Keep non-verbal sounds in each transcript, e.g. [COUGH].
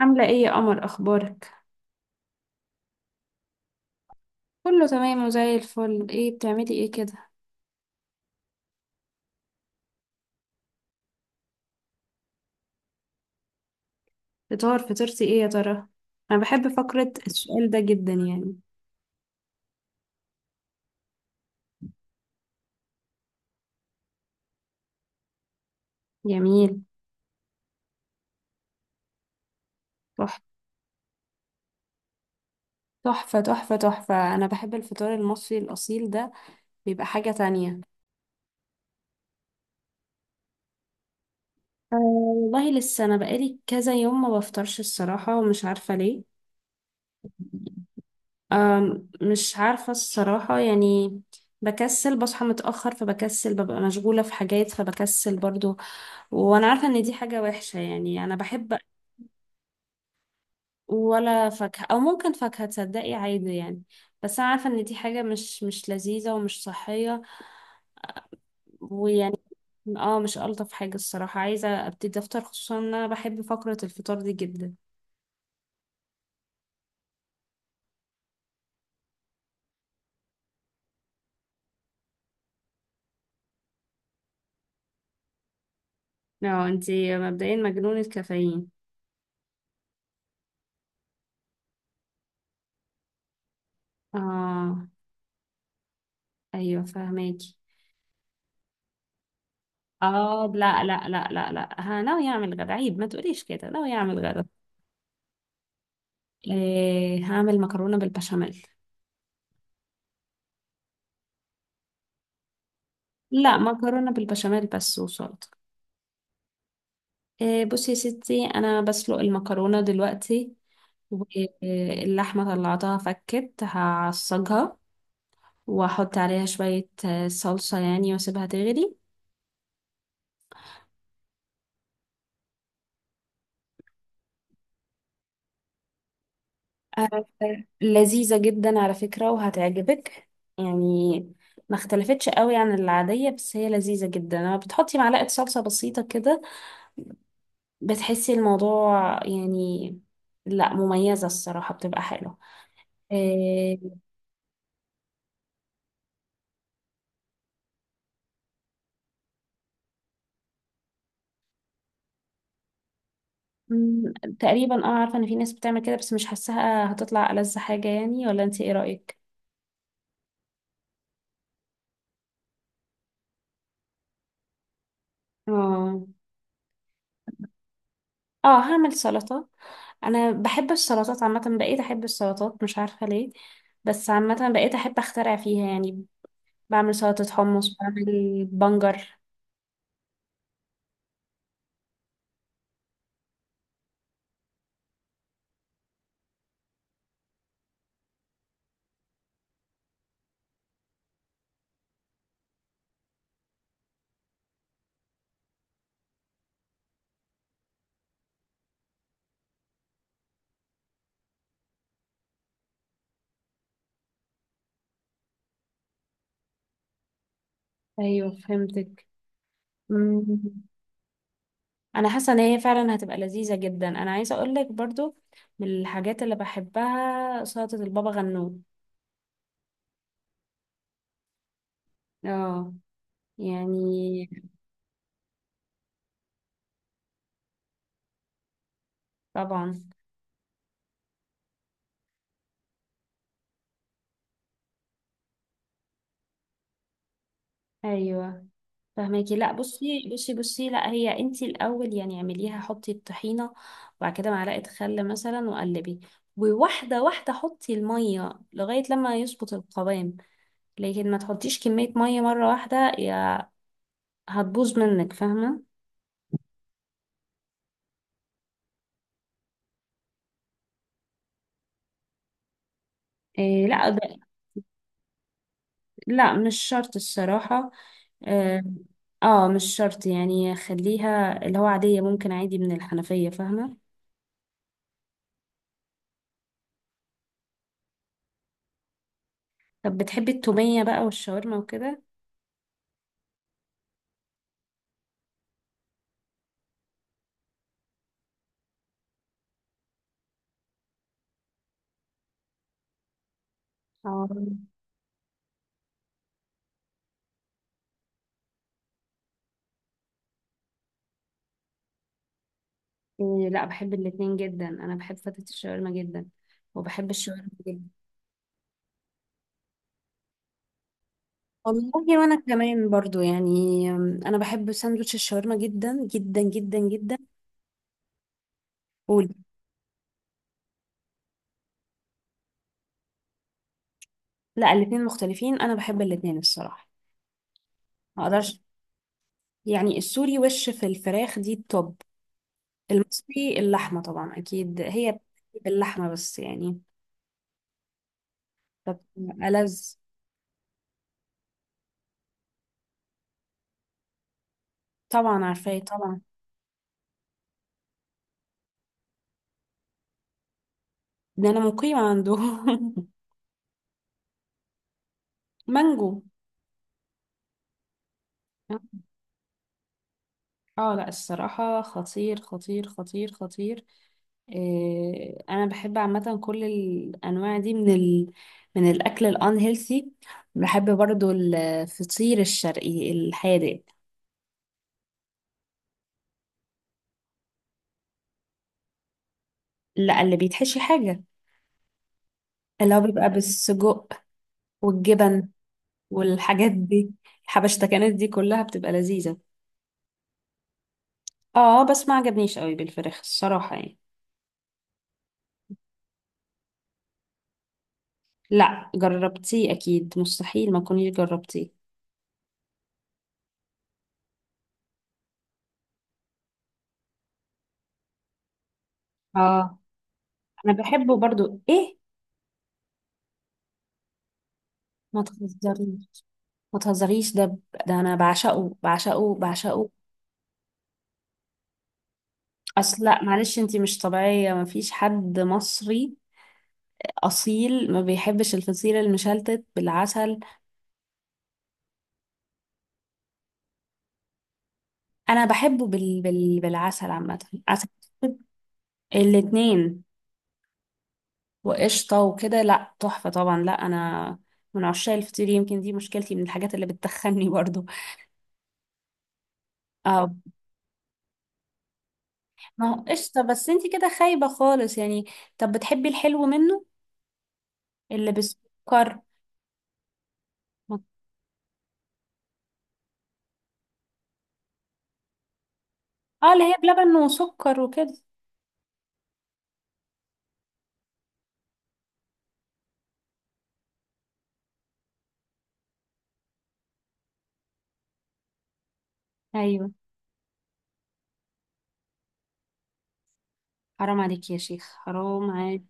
عاملة ايه يا قمر، اخبارك؟ كله تمام وزي الفل. بتعملي ايه كده؟ فطار؟ فطرتي ايه يا ترى؟ انا بحب فقرة السؤال ده جدا، يعني. جميل. تحفة، تحفة، تحفة، تحفة. انا بحب الفطار المصري الاصيل ده. بيبقى حاجة تانية. أه والله، لسه. انا بقالي كذا يوم ما بفطرش الصراحة، ومش عارفة ليه. مش عارفة الصراحة، يعني. بكسل، بصحى متأخر فبكسل، ببقى مشغولة في حاجات فبكسل برضو. وانا عارفه ان دي حاجه وحشه، يعني انا بحب. ولا فاكهه، او ممكن فاكهه، تصدقي عادي يعني. بس انا عارفه ان دي حاجه مش لذيذه ومش صحيه. ويعني. اه، مش الطف حاجه الصراحه. عايزه ابتدي افطر، خصوصا ان انا بحب فقره الفطار دي جدا. اه، انتي مبدئيا مجنونه كافيين. اه. ايوه فهماكي. اه، لا لا لا لا لا، ها ناوي اعمل غدا. عيب ما تقوليش كده، ناوي اعمل غدا. إيه، هعمل مكرونه بالبشاميل. لا، مكرونه بالبشاميل بس وسلطه. بصي يا ستي، انا بسلق المكرونه دلوقتي. واللحمه طلعتها فكت، هعصجها. واحط عليها شويه صلصه يعني، واسيبها تغلي. آه. لذيذه جدا على فكره، وهتعجبك. يعني. ما اختلفتش قوي عن العاديه، بس هي لذيذه جدا لما بتحطي معلقه صلصه بسيطه كده. بتحسي الموضوع، يعني. لا، مميزه الصراحه، بتبقى حلوه. آه. مم، تقريبا اه، عارفة ان في ناس بتعمل كده، بس مش حاساها هتطلع ألذ حاجة، يعني. ولا انت ايه رأيك؟ اه. اه، هعمل سلطة. انا بحب السلطات عامة، بقيت احب السلطات مش عارفة ليه. بس عامة بقيت احب اخترع فيها، يعني. بعمل سلطة حمص، بعمل بنجر. ايوه فهمتك. مم. انا حاسة ان هي فعلا هتبقى لذيذة جدا. انا عايزة اقولك برضو، من الحاجات اللي بحبها سلطة البابا غنوج. اه. يعني. طبعا. ايوه فهماكي. لا بصي، بصي، بصي. لا، هي انتي الاول يعني اعمليها، حطي الطحينه. وبعد كده معلقه خل مثلا، وقلبي. وواحده واحده حطي الميه، لغايه لما يظبط القوام. لكن ما تحطيش كميه ميه مره واحده، يا هتبوظ منك، فاهمه؟ إيه، لا ده. لا، مش شرط الصراحه. اه. مش شرط، يعني خليها اللي هو عاديه، ممكن عادي من الحنفيه، فاهمه؟ طب بتحبي التوميه بقى والشاورما وكده؟ اه. إيه، لا بحب الاتنين جدا. انا بحب فتة الشاورما جدا، وبحب الشاورما جدا. والله وانا كمان برضو، يعني انا بحب ساندوتش الشاورما جدا جدا جدا جدا. وال- لا الاتنين مختلفين، انا بحب الاتنين الصراحة. ما اقدرش. يعني السوري وش في الفراخ دي التوب. المصري اللحمة، طبعا اكيد هي باللحمة بس، يعني. طب ألذ. طبعا عارفاه طبعا. ده انا مقيمة عنده. [LAUGHS] مانجو. اه، لا الصراحة، خطير خطير خطير خطير. إيه، انا بحب عامة كل الانواع دي من ال... من الاكل الان هيلثي. بحب برضو الفطير الشرقي الحادق. لا، اللي بيتحشي حاجة. اللي هو بيبقى بالسجق، والجبن، والحاجات دي. الحبشتكنات دي كلها بتبقى لذيذة. اه، بس ما عجبنيش قوي بالفراخ الصراحة، يعني. لا جربتيه اكيد، مستحيل ما كنتيش جربتيه. اه، انا بحبه برضو ايه. ما تهزريش، ما تهزريش، ده انا بعشقه بعشقه بعشقه. اصل لا معلش، انتي مش طبيعية. ما فيش حد مصري اصيل ما بيحبش الفطير المشلتت بالعسل. انا بحبه بالعسل، عامة. عسل. أسود. الاتنين. وقشطة وكده، لا تحفة طبعا. لا انا من عشاق الفطير، يمكن دي مشكلتي، من الحاجات اللي بتخني برضو. [LAUGHS] اه. ما هو قشطة، بس انتي كده خايبة خالص، يعني. طب بتحبي الحلو منه، اللي بالسكر؟ اه، اللي هي بلبن وسكر وكده. ايوه. حرام عليك يا شيخ، حرام عليك.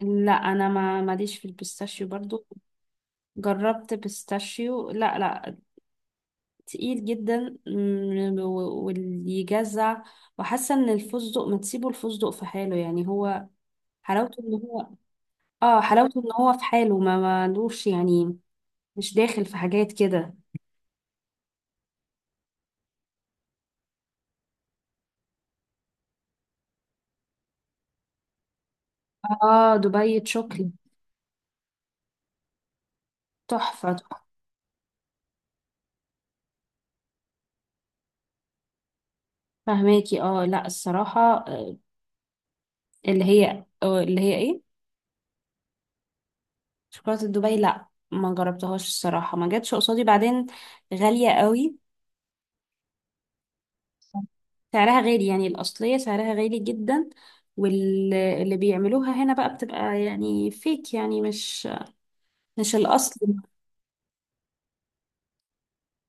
لا انا ما ماليش في البيستاشيو برضو. جربت بيستاشيو؟ لا، لا. تقيل جدا. واللي يجزع. وحاسه ان الفستق ما تسيبه الفستق في حاله، يعني هو حلاوته ان هو. اه، حلاوته ان هو في حاله، ما مالوش يعني، مش داخل في حاجات كده. اه دبي شوكلي. تحفه، تحفه. فهماكي. اه، لا الصراحه. آه، اللي هي اللي هي ايه، شوكولاتة دبي. لا ما جربتهاش الصراحة، ما جاتش قصادي. بعدين غالية قوي. سعرها غالي، يعني الأصلية سعرها غالي جدا. واللي بيعملوها هنا بقى، بتبقى يعني فيك، يعني مش مش الأصل.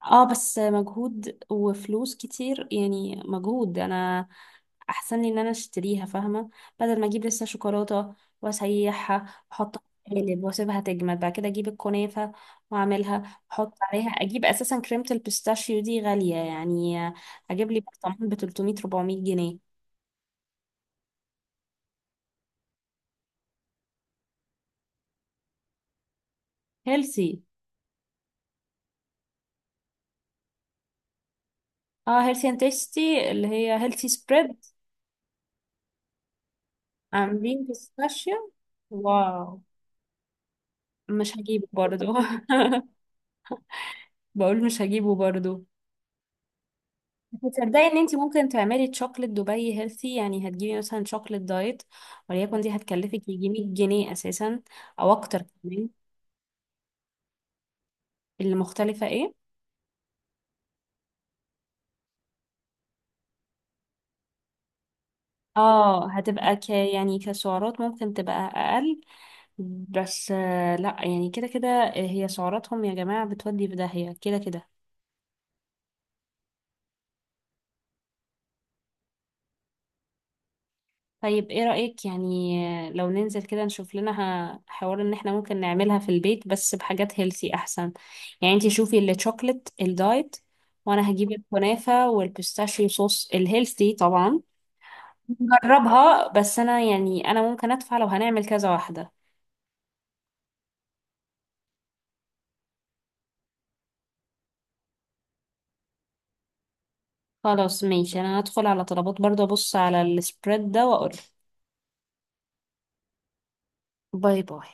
اه، بس مجهود وفلوس كتير، يعني مجهود. انا احسن لي ان انا اشتريها، فاهمه؟ بدل ما اجيب لسه شوكولاته، واسيحها واحطها في قالب، واسيبها تجمد، بعد كده اجيب الكنافه واعملها، احط عليها، اجيب اساسا كريمه البيستاشيو دي غاليه، يعني اجيب لي برطمان ب 300 400 جنيه. هيلثي. اه هيلثي اند تيستي، اللي هي هيلثي سبريد. عاملين بيستاشيو. واو. مش هجيبه برضو. [LAUGHS] بقول مش هجيبه برضو. تصدقي ان انت ممكن تعملي تشوكلت دبي هيلثي، يعني هتجيبي مثلا شوكلت دايت وليكن، دي هتكلفك يجي 100 جنيه اساسا، او اكتر كمان. اللي مختلفه ايه؟ اه، هتبقى ك يعني كسعرات ممكن تبقى اقل. بس لا يعني كده كده، هي سعراتهم يا جماعه بتودي في داهيه كده كده. طيب، ايه رأيك يعني لو ننزل كده نشوف لنا حوار ان احنا ممكن نعملها في البيت بس بحاجات هيلثي احسن؟ يعني انتي شوفي الشوكليت الدايت، وانا هجيب الكنافة والبيستاشيو صوص الهيلثي طبعا. نجربها، بس انا يعني انا ممكن ادفع لو هنعمل كذا واحدة. خلاص ماشي، انا هدخل على طلبات برضه، ابص على السبريد ده واقول. باي باي.